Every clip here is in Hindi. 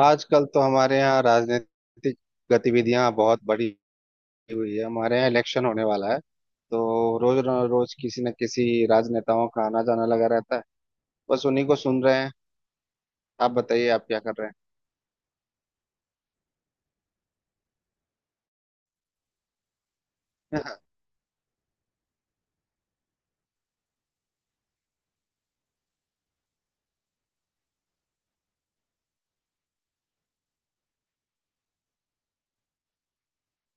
आजकल तो हमारे यहाँ राजनीतिक गतिविधियां बहुत बढ़ी हुई है। हमारे यहाँ इलेक्शन होने वाला है, तो रोज किसी न किसी राजनेताओं का आना जाना लगा रहता है। बस उन्हीं को सुन रहे हैं। आप बताइए, आप क्या कर रहे हैं?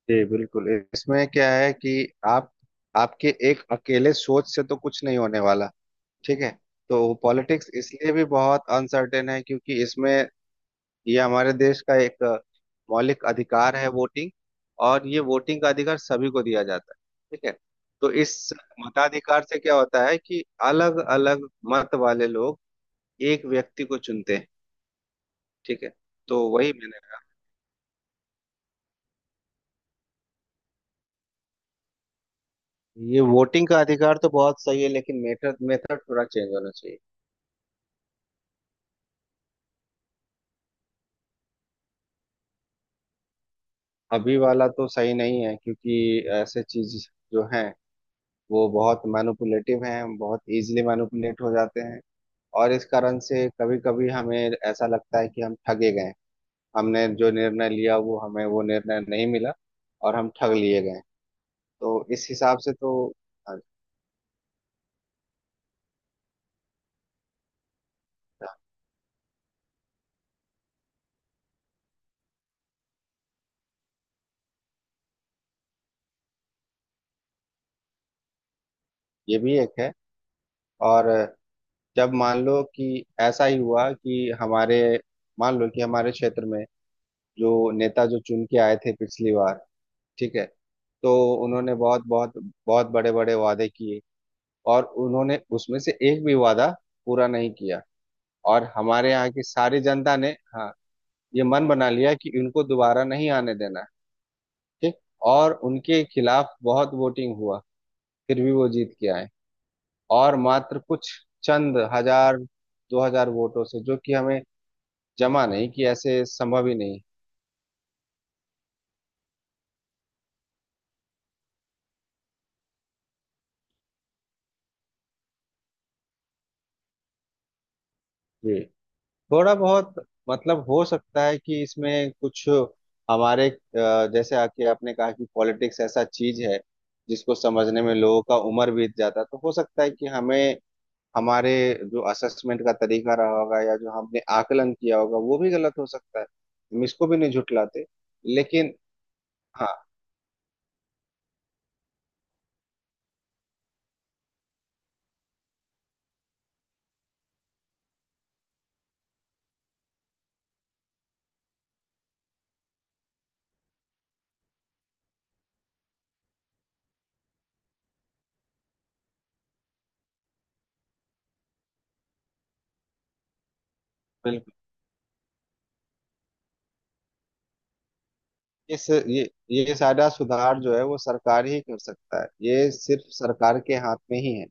जी बिल्कुल। इसमें क्या है कि आप आपके एक अकेले सोच से तो कुछ नहीं होने वाला। ठीक है। तो पॉलिटिक्स इसलिए भी बहुत अनसर्टेन है क्योंकि इसमें ये हमारे देश का एक मौलिक अधिकार है वोटिंग। और ये वोटिंग का अधिकार सभी को दिया जाता है। ठीक है। तो इस मताधिकार से क्या होता है कि अलग अलग मत वाले लोग एक व्यक्ति को चुनते हैं। ठीक है। तो वही मैंने कहा, ये वोटिंग का अधिकार तो बहुत सही है, लेकिन मेथड मेथड थोड़ा चेंज होना चाहिए। अभी वाला तो सही नहीं है, क्योंकि ऐसे चीज जो है वो बहुत मैनिपुलेटिव हैं, बहुत इजीली मैनिपुलेट हो जाते हैं। और इस कारण से कभी कभी हमें ऐसा लगता है कि हम ठगे गए। हमने जो निर्णय लिया वो हमें, वो निर्णय नहीं मिला, और हम ठग लिए गए। तो इस हिसाब से तो अच्छा, ये भी एक है। और जब मान लो कि ऐसा ही हुआ कि हमारे, मान लो कि हमारे क्षेत्र में जो नेता जो चुन के आए थे पिछली बार, ठीक है, तो उन्होंने बहुत बहुत बहुत बड़े बड़े वादे किए, और उन्होंने उसमें से एक भी वादा पूरा नहीं किया। और हमारे यहाँ की सारी जनता ने हाँ ये मन बना लिया कि इनको दोबारा नहीं आने देना। ठीक। और उनके खिलाफ बहुत वोटिंग हुआ, फिर भी वो जीत के आए। और मात्र कुछ चंद हजार, 2,000 वोटों से, जो कि हमें जमा नहीं कि ऐसे संभव ही नहीं। जी थोड़ा बहुत मतलब हो सकता है कि इसमें कुछ हमारे जैसे आके आपने कहा कि पॉलिटिक्स ऐसा चीज है जिसको समझने में लोगों का उम्र बीत जाता। तो हो सकता है कि हमें, हमारे जो असेसमेंट का तरीका रहा होगा या जो हमने आकलन किया होगा वो भी गलत हो सकता है। हम इसको भी नहीं झुटलाते, लेकिन हाँ बिल्कुल। इस ये सारा सुधार जो है वो सरकार ही कर सकता है। ये सिर्फ सरकार के हाथ में ही है।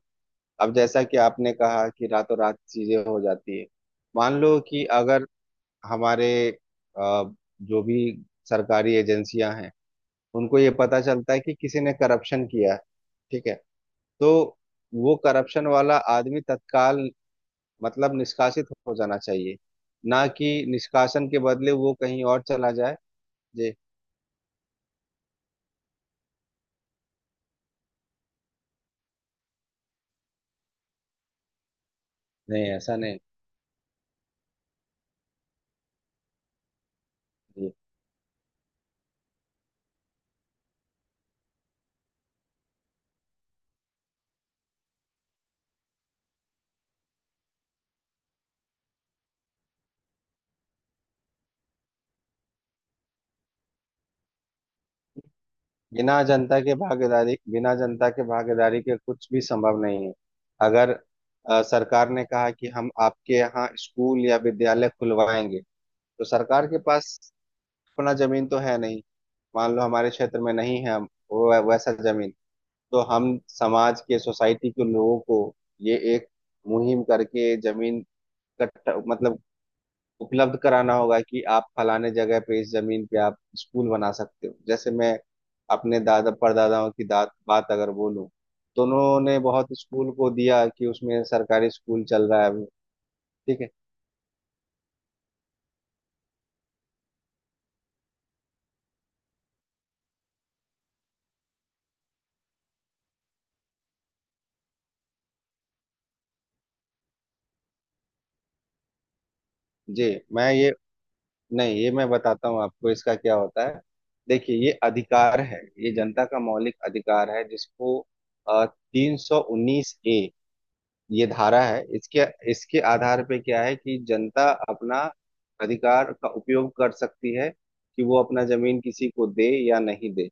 अब जैसा कि आपने कहा कि रातों रात चीजें हो जाती है। मान लो कि अगर हमारे अ, जो भी सरकारी एजेंसियां हैं उनको ये पता चलता है कि किसी ने करप्शन किया है, ठीक है, तो वो करप्शन वाला आदमी तत्काल मतलब निष्कासित हो जाना चाहिए, ना कि निष्कासन के बदले वो कहीं और चला जाए। जी नहीं ऐसा नहीं। जी बिना जनता के भागीदारी, बिना जनता के भागीदारी के कुछ भी संभव नहीं है। अगर सरकार ने कहा कि हम आपके यहाँ स्कूल या विद्यालय खुलवाएंगे, तो सरकार के पास अपना जमीन तो है नहीं। मान लो हमारे क्षेत्र में नहीं है वो वैसा जमीन, तो हम समाज के सोसाइटी के लोगों को ये एक मुहिम करके जमीन इकट्ठा मतलब उपलब्ध कराना होगा कि आप फलाने जगह पे इस जमीन पे आप स्कूल बना सकते हो। जैसे मैं अपने दादा परदादाओं की दात बात अगर बोलूं, तो उन्होंने बहुत स्कूल को दिया कि उसमें सरकारी स्कूल चल रहा है अभी। ठीक है जी। मैं ये नहीं ये मैं बताता हूँ आपको इसका क्या होता है। देखिए ये अधिकार है, ये जनता का मौलिक अधिकार है, जिसको 319A ये धारा है। इसके, इसके आधार पे क्या है कि जनता अपना अधिकार का उपयोग कर सकती है कि वो अपना जमीन किसी को दे या नहीं दे।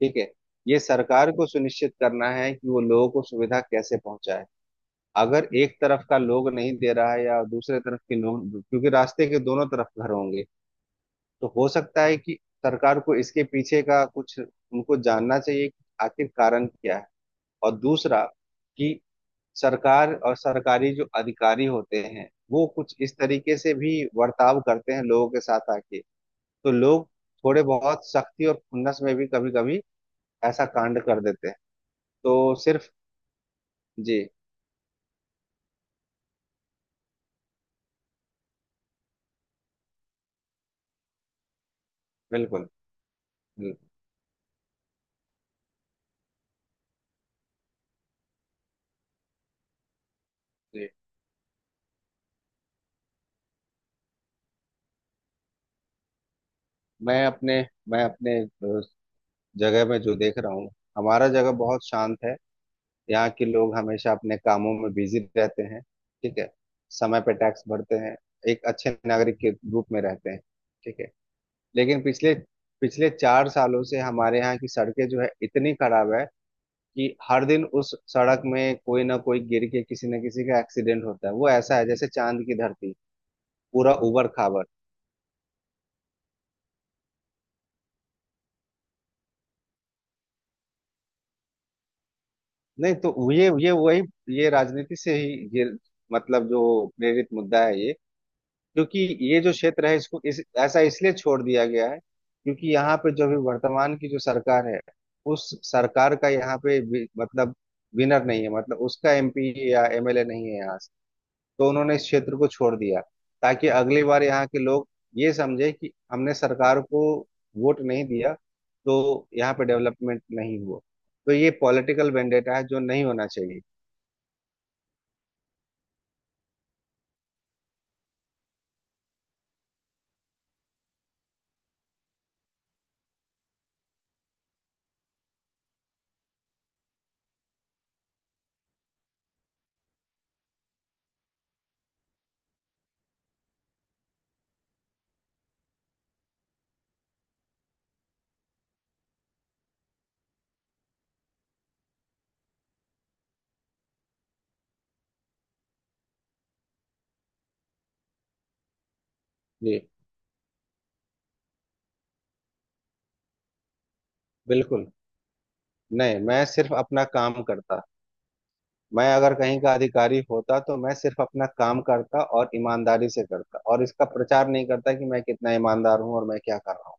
ठीक है। ये सरकार को सुनिश्चित करना है कि वो लोगों को सुविधा कैसे पहुंचाए। अगर एक तरफ का लोग नहीं दे रहा है या दूसरे तरफ के लोग, क्योंकि रास्ते के दोनों तरफ घर होंगे, तो हो सकता है कि सरकार को इसके पीछे का कुछ उनको जानना चाहिए कि आखिर कारण क्या है। और दूसरा कि सरकार और सरकारी जो अधिकारी होते हैं वो कुछ इस तरीके से भी बर्ताव करते हैं लोगों के साथ आके, तो लोग थोड़े बहुत सख्ती और खुन्नस में भी कभी कभी ऐसा कांड कर देते हैं। तो सिर्फ जी बिल्कुल बिल्कुल। जी मैं अपने मैं अपने जगह में जो देख रहा हूँ, हमारा जगह बहुत शांत है। यहाँ के लोग हमेशा अपने कामों में बिजी रहते हैं, ठीक है, समय पे टैक्स भरते हैं, एक अच्छे नागरिक के रूप में रहते हैं, ठीक है। लेकिन पिछले पिछले 4 सालों से हमारे यहाँ की सड़कें जो है इतनी खराब है कि हर दिन उस सड़क में कोई ना कोई गिर के किसी न किसी का एक्सीडेंट होता है। वो ऐसा है जैसे चांद की धरती, पूरा उबड़ खाबड़। नहीं तो ये वही, ये राजनीति से ही ये मतलब जो प्रेरित मुद्दा है ये। क्योंकि ये जो क्षेत्र है इसको इस ऐसा इसलिए छोड़ दिया गया है क्योंकि यहाँ पे जो भी वर्तमान की जो सरकार है, उस सरकार का यहाँ पे मतलब विनर नहीं है, मतलब उसका एमपी या एमएलए नहीं है यहाँ। तो उन्होंने इस क्षेत्र को छोड़ दिया ताकि अगली बार यहाँ के लोग ये समझे कि हमने सरकार को वोट नहीं दिया तो यहाँ पे डेवलपमेंट नहीं हुआ। तो ये पॉलिटिकल वेंडेटा है जो नहीं होना चाहिए। जी बिल्कुल। नहीं मैं सिर्फ अपना काम करता। मैं अगर कहीं का अधिकारी होता तो मैं सिर्फ अपना काम करता और ईमानदारी से करता, और इसका प्रचार नहीं करता कि मैं कितना ईमानदार हूँ और मैं क्या कर रहा हूँ।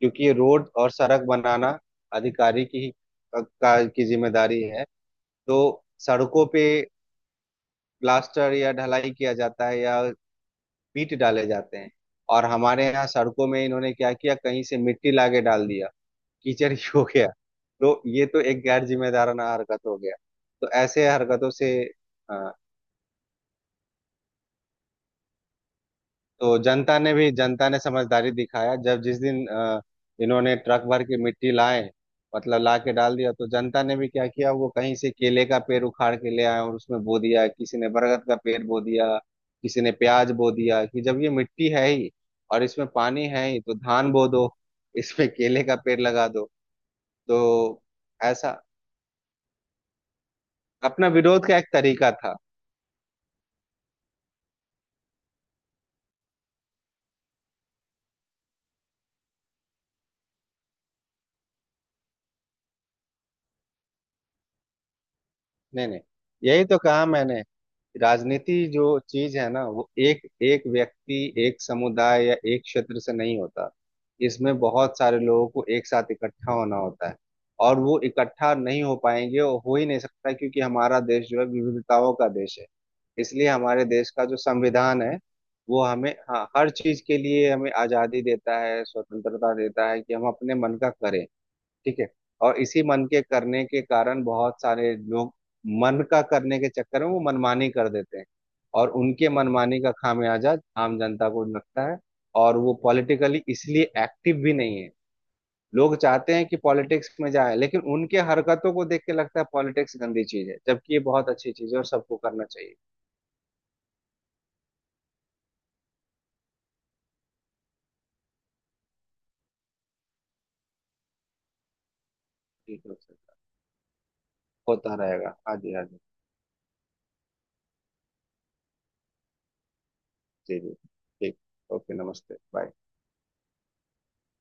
क्योंकि ये रोड और सड़क बनाना अधिकारी की ही की जिम्मेदारी है। तो सड़कों पे प्लास्टर या ढलाई किया जाता है या ईंट डाले जाते हैं। और हमारे यहाँ सड़कों में इन्होंने क्या किया, कहीं से मिट्टी लाके डाल दिया, कीचड़ ही हो गया। तो ये तो एक गैर जिम्मेदाराना हरकत हो गया। तो ऐसे हरकतों से अ, तो जनता ने भी, जनता ने समझदारी दिखाया जब जिस दिन इन्होंने ट्रक भर के मिट्टी लाए, मतलब ला के डाल दिया, तो जनता ने भी क्या किया, वो कहीं से केले का पेड़ उखाड़ के ले आए और उसमें बो दिया, किसी ने बरगद का पेड़ बो दिया, किसी ने प्याज बो दिया कि जब ये मिट्टी है ही और इसमें पानी है ही तो धान बो दो, इसमें केले का पेड़ लगा दो। तो ऐसा अपना विरोध का एक तरीका था। नहीं नहीं यही तो कहा मैंने। राजनीति जो चीज है ना वो एक एक व्यक्ति, एक समुदाय या एक क्षेत्र से नहीं होता। इसमें बहुत सारे लोगों को एक साथ इकट्ठा होना होता है। और वो इकट्ठा नहीं हो पाएंगे, और हो ही नहीं सकता, क्योंकि हमारा देश जो है विविधताओं का देश है। इसलिए हमारे देश का जो संविधान है वो हमें, हाँ, हर चीज के लिए हमें आजादी देता है, स्वतंत्रता देता है कि हम अपने मन का करें। ठीक है। और इसी मन के करने के कारण बहुत सारे लोग मन का करने के चक्कर में वो मनमानी कर देते हैं। और उनके मनमानी का खामियाजा आम जनता को लगता है। और वो पॉलिटिकली इसलिए एक्टिव भी नहीं है। लोग चाहते हैं कि पॉलिटिक्स में जाए, लेकिन उनके हरकतों को देख के लगता है पॉलिटिक्स गंदी चीज है, जबकि ये बहुत अच्छी चीज है और सबको करना चाहिए। ठीक है, होता रहेगा। हाँ जी हाँ जी। जी जी ठीक। ओके नमस्ते बाय।